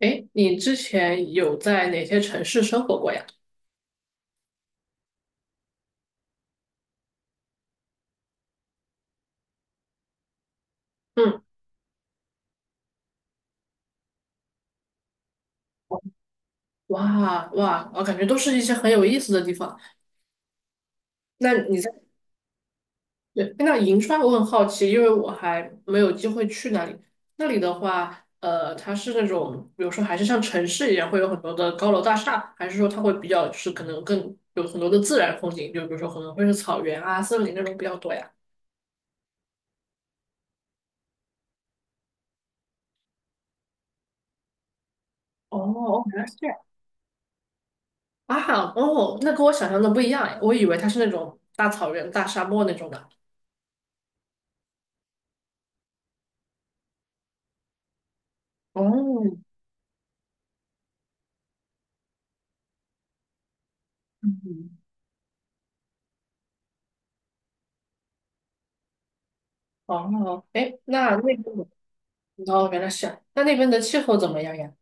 哎，你之前有在哪些城市生活过呀？嗯，哇哇，我感觉都是一些很有意思的地方。那你在，对，那银川我很好奇，因为我还没有机会去那里。那里的话，它是那种，比如说还是像城市一样，会有很多的高楼大厦，还是说它会比较是可能更有很多的自然风景，就比如说可能会是草原啊、森林那种比较多呀？哦，原来是这样啊！哦，那跟我想象的不一样诶，我以为它是那种大草原、大沙漠那种的。哦，嗯哦，哎，那那边的，哦，原来是啊，那那边的气候怎么样呀？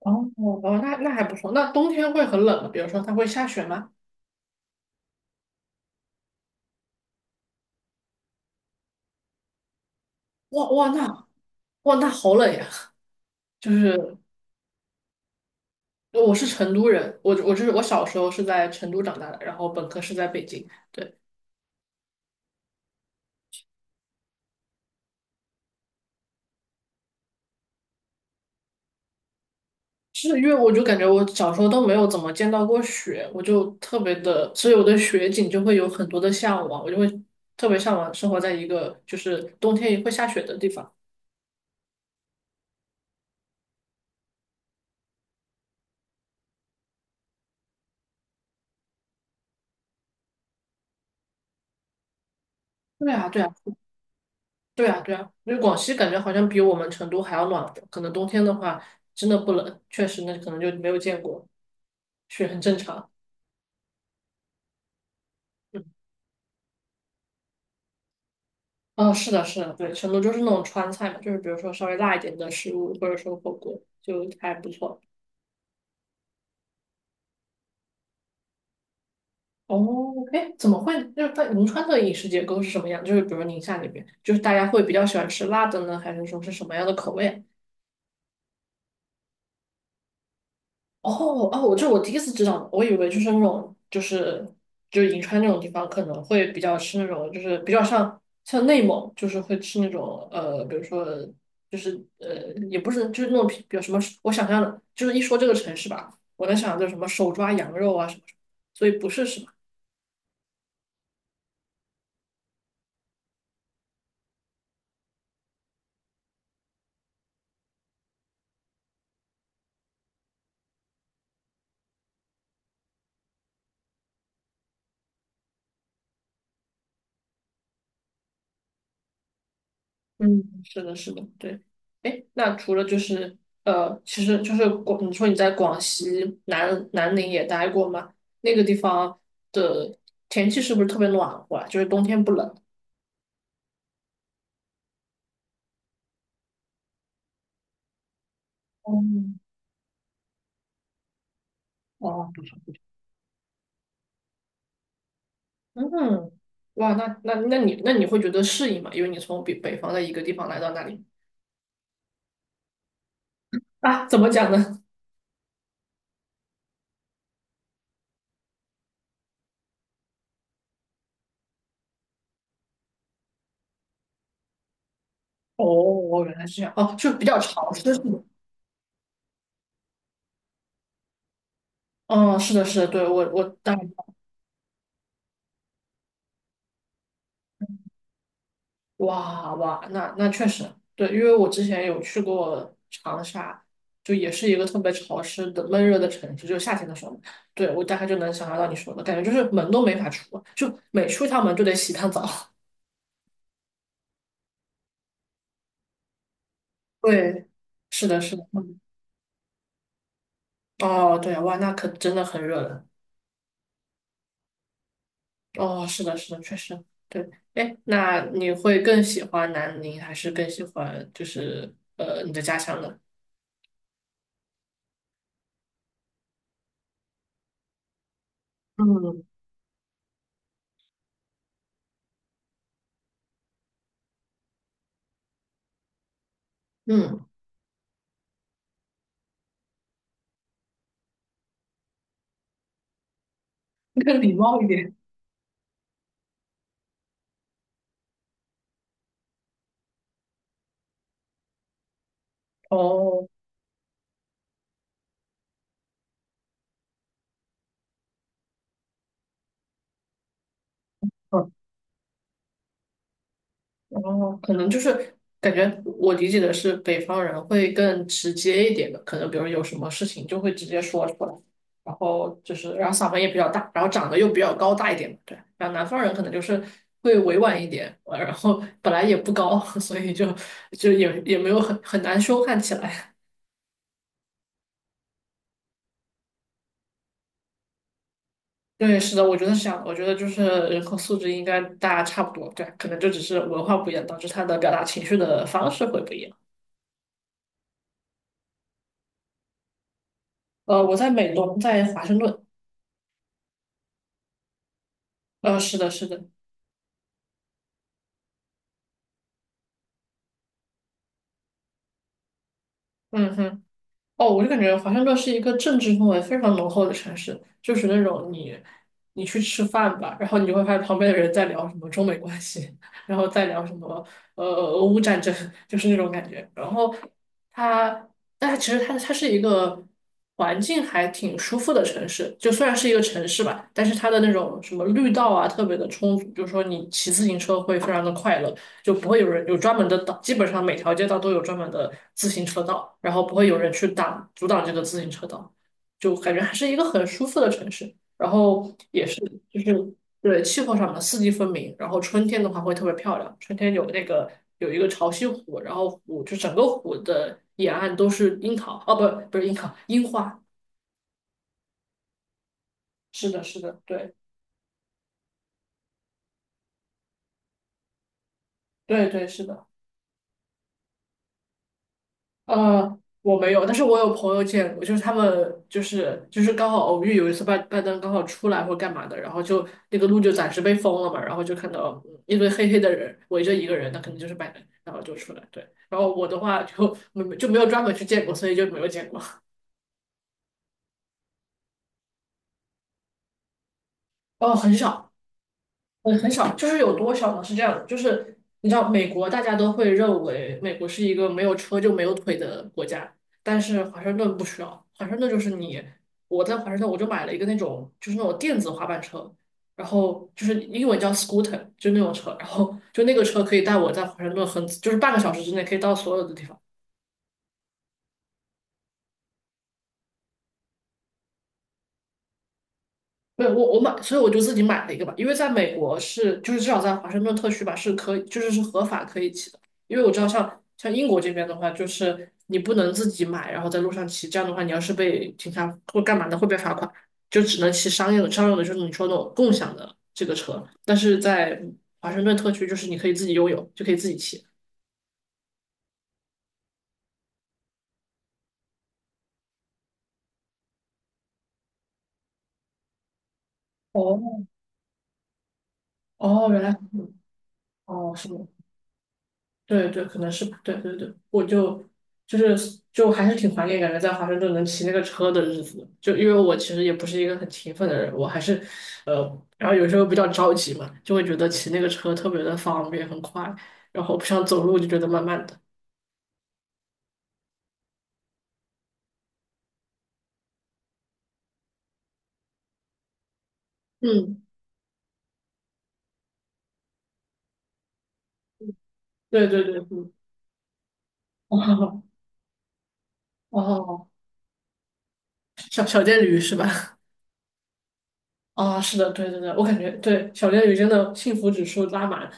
哦哦，那那还不错。那冬天会很冷吗？比如说它会下雪吗？哇哇，那哇那好冷呀！就是我是成都人，我就是我小时候是在成都长大的，然后本科是在北京。对，是因为我就感觉我小时候都没有怎么见到过雪，我就特别的，所以我对雪景就会有很多的向往，我就会特别向往生活在一个就是冬天也会下雪的地方。对啊，对啊，对啊，对啊，因为广西感觉好像比我们成都还要暖和，可能冬天的话真的不冷，确实那可能就没有见过，是很正常。嗯，哦，是的，是的，对，成都就是那种川菜嘛，就是比如说稍微辣一点的食物，或者说火锅，就还不错。哦，哎，怎么会？就是在银川的饮食结构是什么样？就是比如宁夏那边，就是大家会比较喜欢吃辣的呢，还是说是什么样的口味啊？哦哦，我第一次知道，我以为就是那种就是就是银川那种地方可能会比较吃那种就是比较像内蒙，就是会吃那种比如说就是也不是就是那种比如什么，我想象的就是一说这个城市吧，我能想到就是什么手抓羊肉啊什么什么，所以不是什么。嗯，是的，是的，对。哎，那除了就是其实就是广，你说你在广西南宁也待过吗？那个地方的天气是不是特别暖和啊？就是冬天不冷？嗯，哦，不错不错。嗯，哇，那你会觉得适应吗？因为你从北方的一个地方来到那里啊，怎么讲呢？哦，原来是这样。哦，就比较潮湿是吗？哦，是的，是的，对，我大概哇哇，那那确实对，因为我之前有去过长沙，就也是一个特别潮湿的闷热的城市，就夏天的时候嘛对，我大概就能想象到你说的感觉，就是门都没法出啊，就每出一趟门就得洗一趟澡。对，是的，是的，嗯，哦，对啊，哇，那可真的很热了。哦，是的，是的，确实，对，哎，那你会更喜欢南宁，还是更喜欢就是你的家乡呢？嗯嗯，更礼貌一点。哦，嗯。哦，可能就是感觉我理解的是北方人会更直接一点的，可能比如有什么事情就会直接说出来，然后就是然后嗓门也比较大，然后长得又比较高大一点嘛，对。然后南方人可能就是会委婉一点，然后本来也不高，所以就就也没有很难凶悍起来。对，是的，我觉得是这样的。我觉得就是人口素质应该大家差不多，对，可能就只是文化不一样，导致他的表达情绪的方式会不一样。我在美东，在华盛顿。是的，是的，嗯哼，哦，我就感觉华盛顿是一个政治氛围非常浓厚的城市，就是那种你你去吃饭吧，然后你就会发现旁边的人在聊什么中美关系，然后再聊什么俄乌战争，就是那种感觉。然后它，但它其实它是一个环境还挺舒服的城市，就虽然是一个城市吧，但是它的那种什么绿道啊特别的充足，就是说你骑自行车会非常的快乐。就不会有人有专门的道，基本上每条街道都有专门的自行车道，然后不会有人去挡阻挡这个自行车道，就感觉还是一个很舒服的城市。然后也是就是对气候上的四季分明，然后春天的话会特别漂亮，春天有那个有一个潮汐湖，然后湖就整个湖的沿岸都是樱桃，哦不是樱桃，樱花，是的是的，对对对是的。我没有，但是我有朋友见过，就是他们就是刚好偶遇，有一次拜登刚好出来或干嘛的，然后就那个路就暂时被封了嘛，然后就看到嗯一堆黑黑的人围着一个人，那肯定就是拜登，然后就出来，对，然后我的话就没有专门去见过，所以就没有见过，哦，很少。嗯，很少，就是有多少呢？是这样的，就是你知道，美国大家都会认为美国是一个没有车就没有腿的国家，但是华盛顿不需要，华盛顿就是你，我在华盛顿我就买了一个那种就是那种电子滑板车，然后就是英文叫 scooter，就那种车，然后就那个车可以带我在华盛顿很就是半个小时之内可以到所有的地方，没有，我买，所以我就自己买了一个吧，因为在美国是，就是至少在华盛顿特区吧，是可以，是合法可以骑的。因为我知道像英国这边的话，就是你不能自己买，然后在路上骑，这样的话，你要是被警察或干嘛的，会被罚款，就只能骑商用的，商用的就是你说那种共享的这个车。但是在华盛顿特区，就是你可以自己拥有，就可以自己骑。哦哦，原来哦是吗？对对，可能是吧。对对对，我就就是就还是挺怀念感觉在华盛顿能骑那个车的日子的就因为我其实也不是一个很勤奋的人，我还是呃，然后有时候比较着急嘛，就会觉得骑那个车特别的方便很快，然后不想走路就觉得慢慢的。嗯，对对对，嗯，哦哦，小电驴是吧？啊、是的，对对对，我感觉对小电驴真的幸福指数拉满。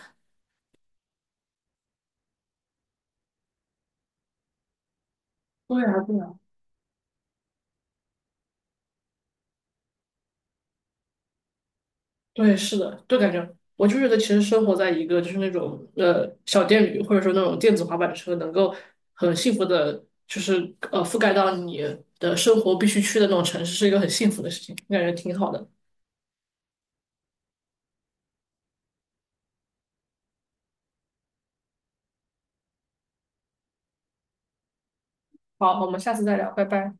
对啊，对啊对，是的，就感觉我就觉得，其实生活在一个就是那种小电驴，或者说那种电子滑板车，能够很幸福的，就是覆盖到你的生活必须去的那种城市，是一个很幸福的事情，感觉挺好的。好，我们下次再聊，拜拜。